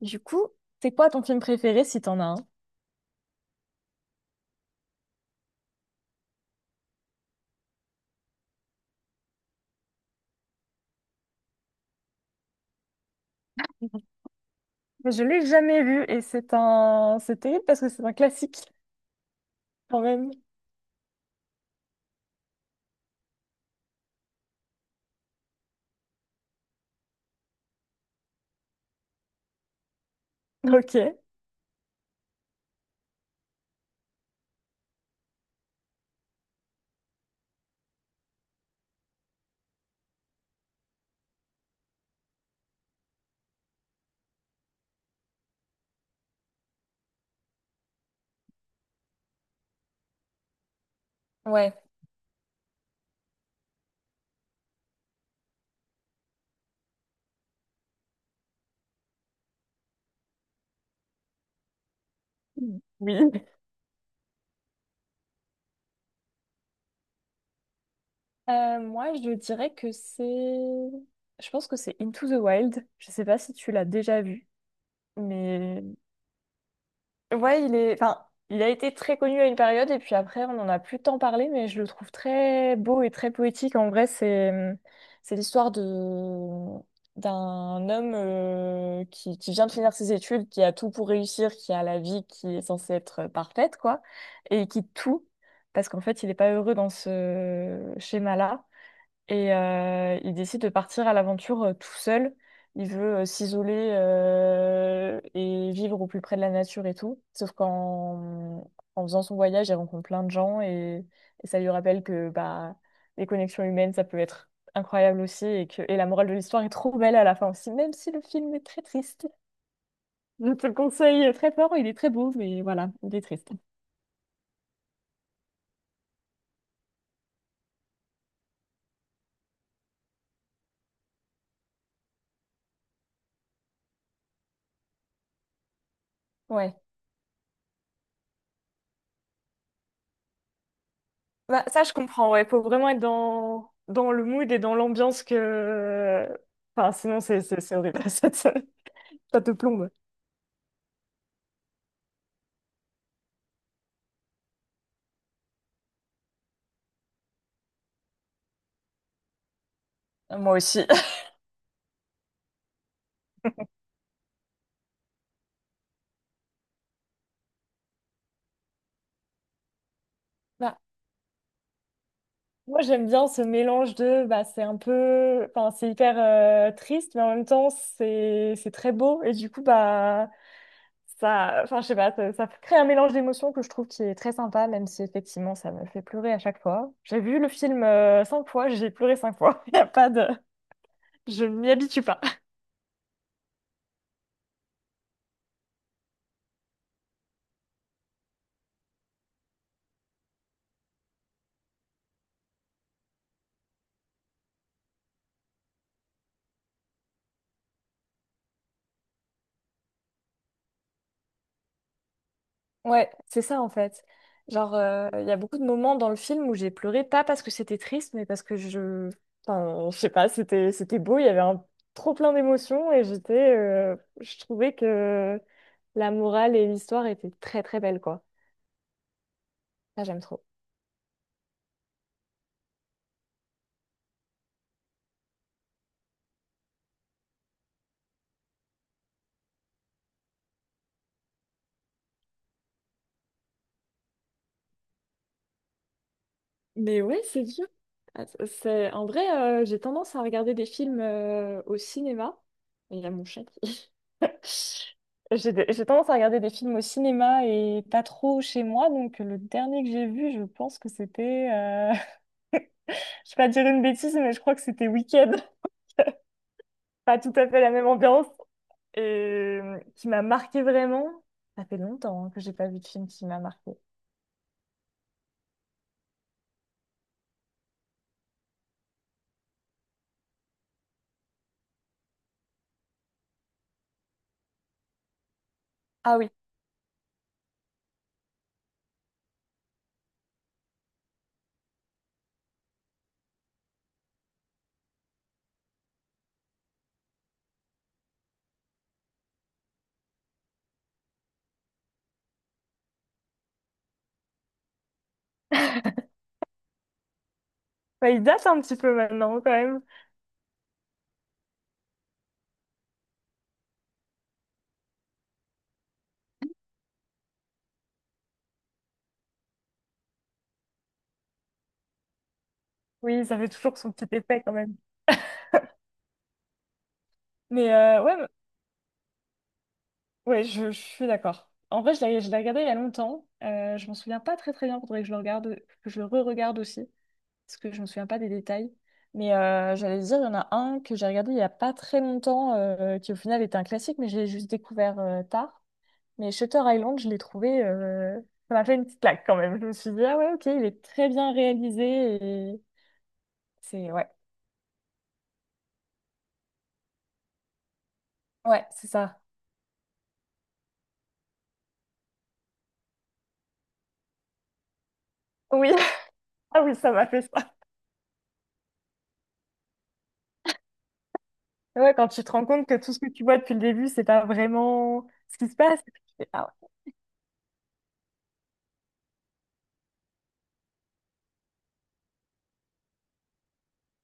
Du coup, c'est quoi ton film préféré si t'en as un? Je l'ai jamais vu et c'est un... C'est terrible parce que c'est un classique quand même. Ok. Ouais. Oui. Moi, je dirais que c'est... Je pense que c'est Into the Wild. Je sais pas si tu l'as déjà vu, mais ouais, il est, enfin, il a été très connu à une période et puis après, on n'en a plus tant parlé, mais je le trouve très beau et très poétique. En vrai, c'est, mmh, c'est l'histoire de mmh, d'un homme qui vient de finir ses études, qui a tout pour réussir, qui a la vie qui est censée être parfaite, quoi, et qui quitte tout parce qu'en fait, il n'est pas heureux dans ce schéma-là. Il décide de partir à l'aventure tout seul. Il veut s'isoler et vivre au plus près de la nature et tout. Sauf qu'en en faisant son voyage, il rencontre plein de gens et ça lui rappelle que bah, les connexions humaines, ça peut être incroyable aussi et que et la morale de l'histoire est trop belle à la fin aussi, même si le film est très triste. Je te le conseille très fort, il est très beau, mais voilà, il est triste. Ouais. Bah, ça, je comprends, ouais. Faut vraiment être dans, dans le mood et dans l'ambiance que... Enfin, sinon, c'est horrible. Ça te plombe. Moi aussi. Bah, moi, j'aime bien ce mélange de... Bah, c'est un peu... Enfin, c'est hyper triste, mais en même temps, c'est très beau. Et du coup, bah, ça... Enfin, je sais pas, ça crée un mélange d'émotions que je trouve qui est très sympa, même si, effectivement, ça me fait pleurer à chaque fois. J'ai vu le film cinq fois, j'ai pleuré cinq fois. Il a pas de... Je m'y habitue pas. Ouais, c'est ça en fait. Genre, il y a beaucoup de moments dans le film où j'ai pleuré, pas parce que c'était triste, mais parce que je... Enfin, je sais pas, c'était beau, il y avait un trop plein d'émotions et j'étais... je trouvais que la morale et l'histoire étaient très très belles, quoi. Ça, j'aime trop. Mais ouais, c'est dur. C'est... En vrai, j'ai tendance à regarder des films au cinéma. Et il y a mon chat qui... J'ai tendance à regarder des films au cinéma et pas trop chez moi. Donc, le dernier que j'ai vu, je pense que c'était. Je vais pas dire une bêtise, mais je crois que c'était Weekend. Pas tout à fait la même ambiance. Et qui m'a marqué vraiment. Ça fait longtemps hein, que j'ai pas vu de film qui m'a marqué. Ah oui. Bah, il date un petit peu maintenant, quand même. Oui, ça fait toujours son petit effet, quand même. Mais ouais, je suis d'accord. En vrai, je l'ai regardé il y a longtemps. Je m'en souviens pas très très bien. Faudrait que je le regarde, que je le re-regarde aussi. Parce que je me souviens pas des détails. J'allais dire, il y en a un que j'ai regardé il y a pas très longtemps, qui au final était un classique, mais je l'ai juste découvert tard. Mais Shutter Island, je l'ai trouvé, ça m'a fait une petite claque quand même. Je me suis dit, ah ouais, ok, il est très bien réalisé et c'est, ouais, ouais, c'est ça. Oui, ah oui, ça m'a fait ça. Ouais, quand tu te rends compte que tout ce que tu vois depuis le début, c'est pas vraiment ce qui se passe.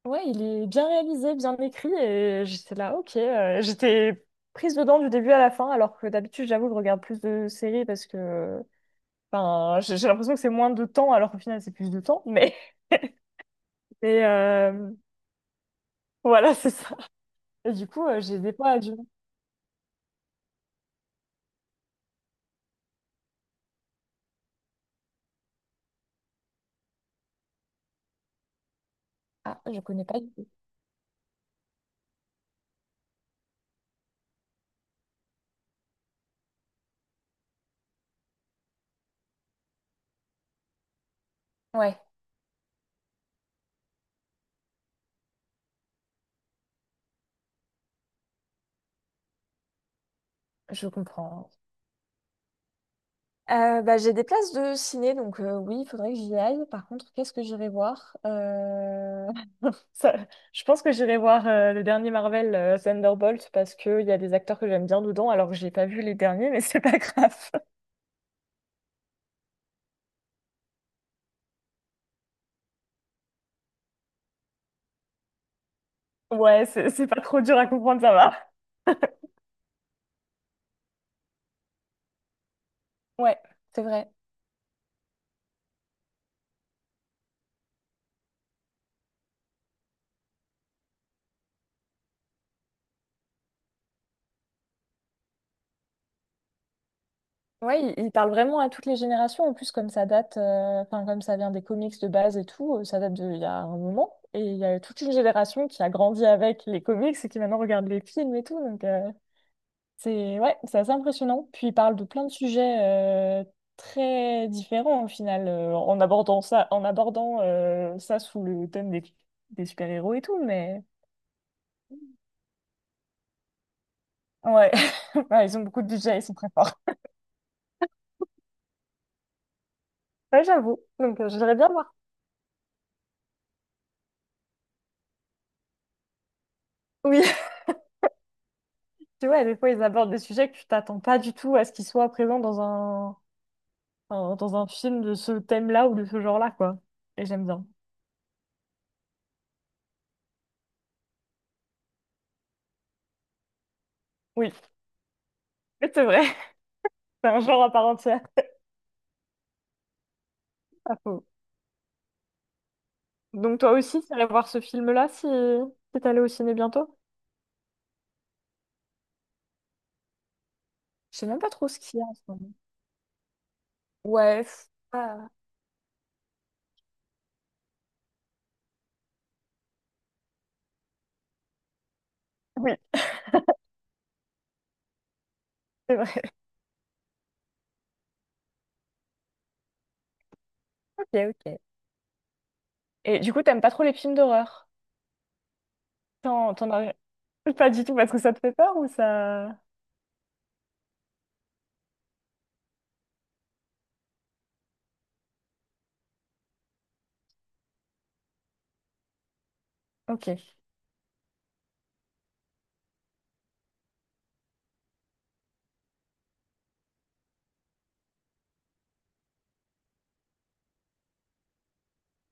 Ouais, il est bien réalisé, bien écrit, et j'étais là, ok. J'étais prise dedans du début à la fin, alors que d'habitude, j'avoue, je regarde plus de séries parce que enfin, j'ai l'impression que c'est moins de temps, alors qu'au final, c'est plus de temps. Mais et, euh, voilà, c'est ça. Et du coup, j'ai des fois du... mal. Ah, je connais pas du tout. Ouais, je comprends. Bah, j'ai des places de ciné, donc oui, il faudrait que j'y aille. Par contre, qu'est-ce que j'irai voir? Ça- je pense que j'irai voir le dernier Marvel Thunderbolt parce qu'il y a des acteurs que j'aime bien dedans alors que j'ai pas vu les derniers mais c'est pas grave. Ouais, c'est pas trop dur à comprendre, ça va. Ouais, c'est vrai. Ouais, il parle vraiment à toutes les générations. En plus, comme ça date, enfin, comme ça vient des comics de base et tout, ça date d'il y a un moment. Et il y a toute une génération qui a grandi avec les comics et qui maintenant regarde les films et tout. Donc, c'est ouais, c'est assez impressionnant. Puis il parle de plein de sujets euh, très différents au final, en abordant ça sous le thème des super-héros et tout, mais ouais. Ouais, ils ont beaucoup de budget, ils sont très forts. Ouais, j'avoue. Donc j'aimerais bien voir. Oui, tu vois, des fois ils abordent des sujets que tu t'attends pas du tout à ce qu'ils soient présents dans un, dans un film de ce thème-là ou de ce genre-là, quoi. Et j'aime bien. Oui, c'est vrai. C'est un genre à part entière. Ah, faux. Donc toi aussi, tu allais voir ce film-là si, si t'allais au ciné bientôt? Je sais même pas trop ce qu'il y a en ce moment. Ouais. Ah. Oui, c'est vrai. Ok, ok. Et du coup, t'aimes pas trop les films d'horreur? T'en as... Pas du tout parce que ça te fait peur ou ça... Ok,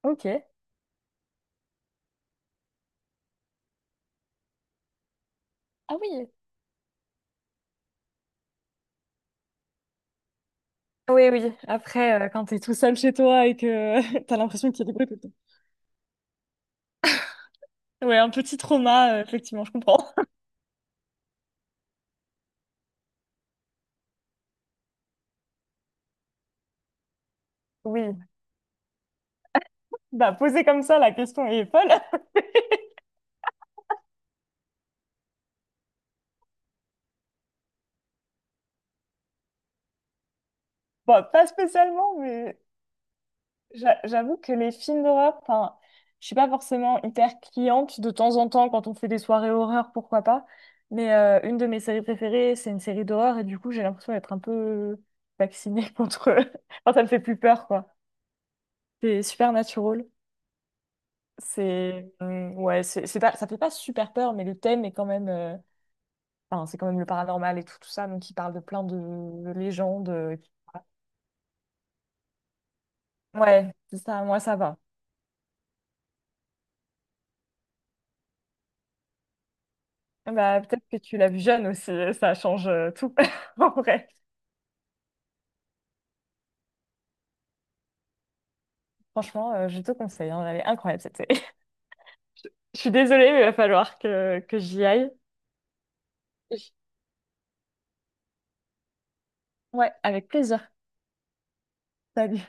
ok. Ah oui. Oui, oui. Après, quand t'es tout seul chez toi et que t'as l'impression qu'il y a des bruits tout le temps. Ouais, un petit trauma, effectivement, je comprends. Oui, bah poser comme ça, la question est folle. Bah pas spécialement, mais j'avoue que les films d'horreur, enfin, je suis pas forcément hyper cliente de temps en temps quand on fait des soirées horreur, pourquoi pas. Une de mes séries préférées, c'est une série d'horreur et du coup, j'ai l'impression d'être un peu vaccinée contre. Enfin, ça me fait plus peur, quoi. C'est Supernatural. C'est ouais, c'est pas, ça fait pas super peur, mais le thème est quand même. Enfin, c'est quand même le paranormal et tout, tout ça, donc il parle de plein de légendes. Et cetera. Ouais, c'est ça. Moi, ça va. Bah, peut-être que tu l'as vu jeune aussi, ça change tout. En vrai, franchement, je te conseille, hein, elle est incroyable cette série. Je suis désolée, mais il va falloir que j'y aille. Ouais, avec plaisir. Salut.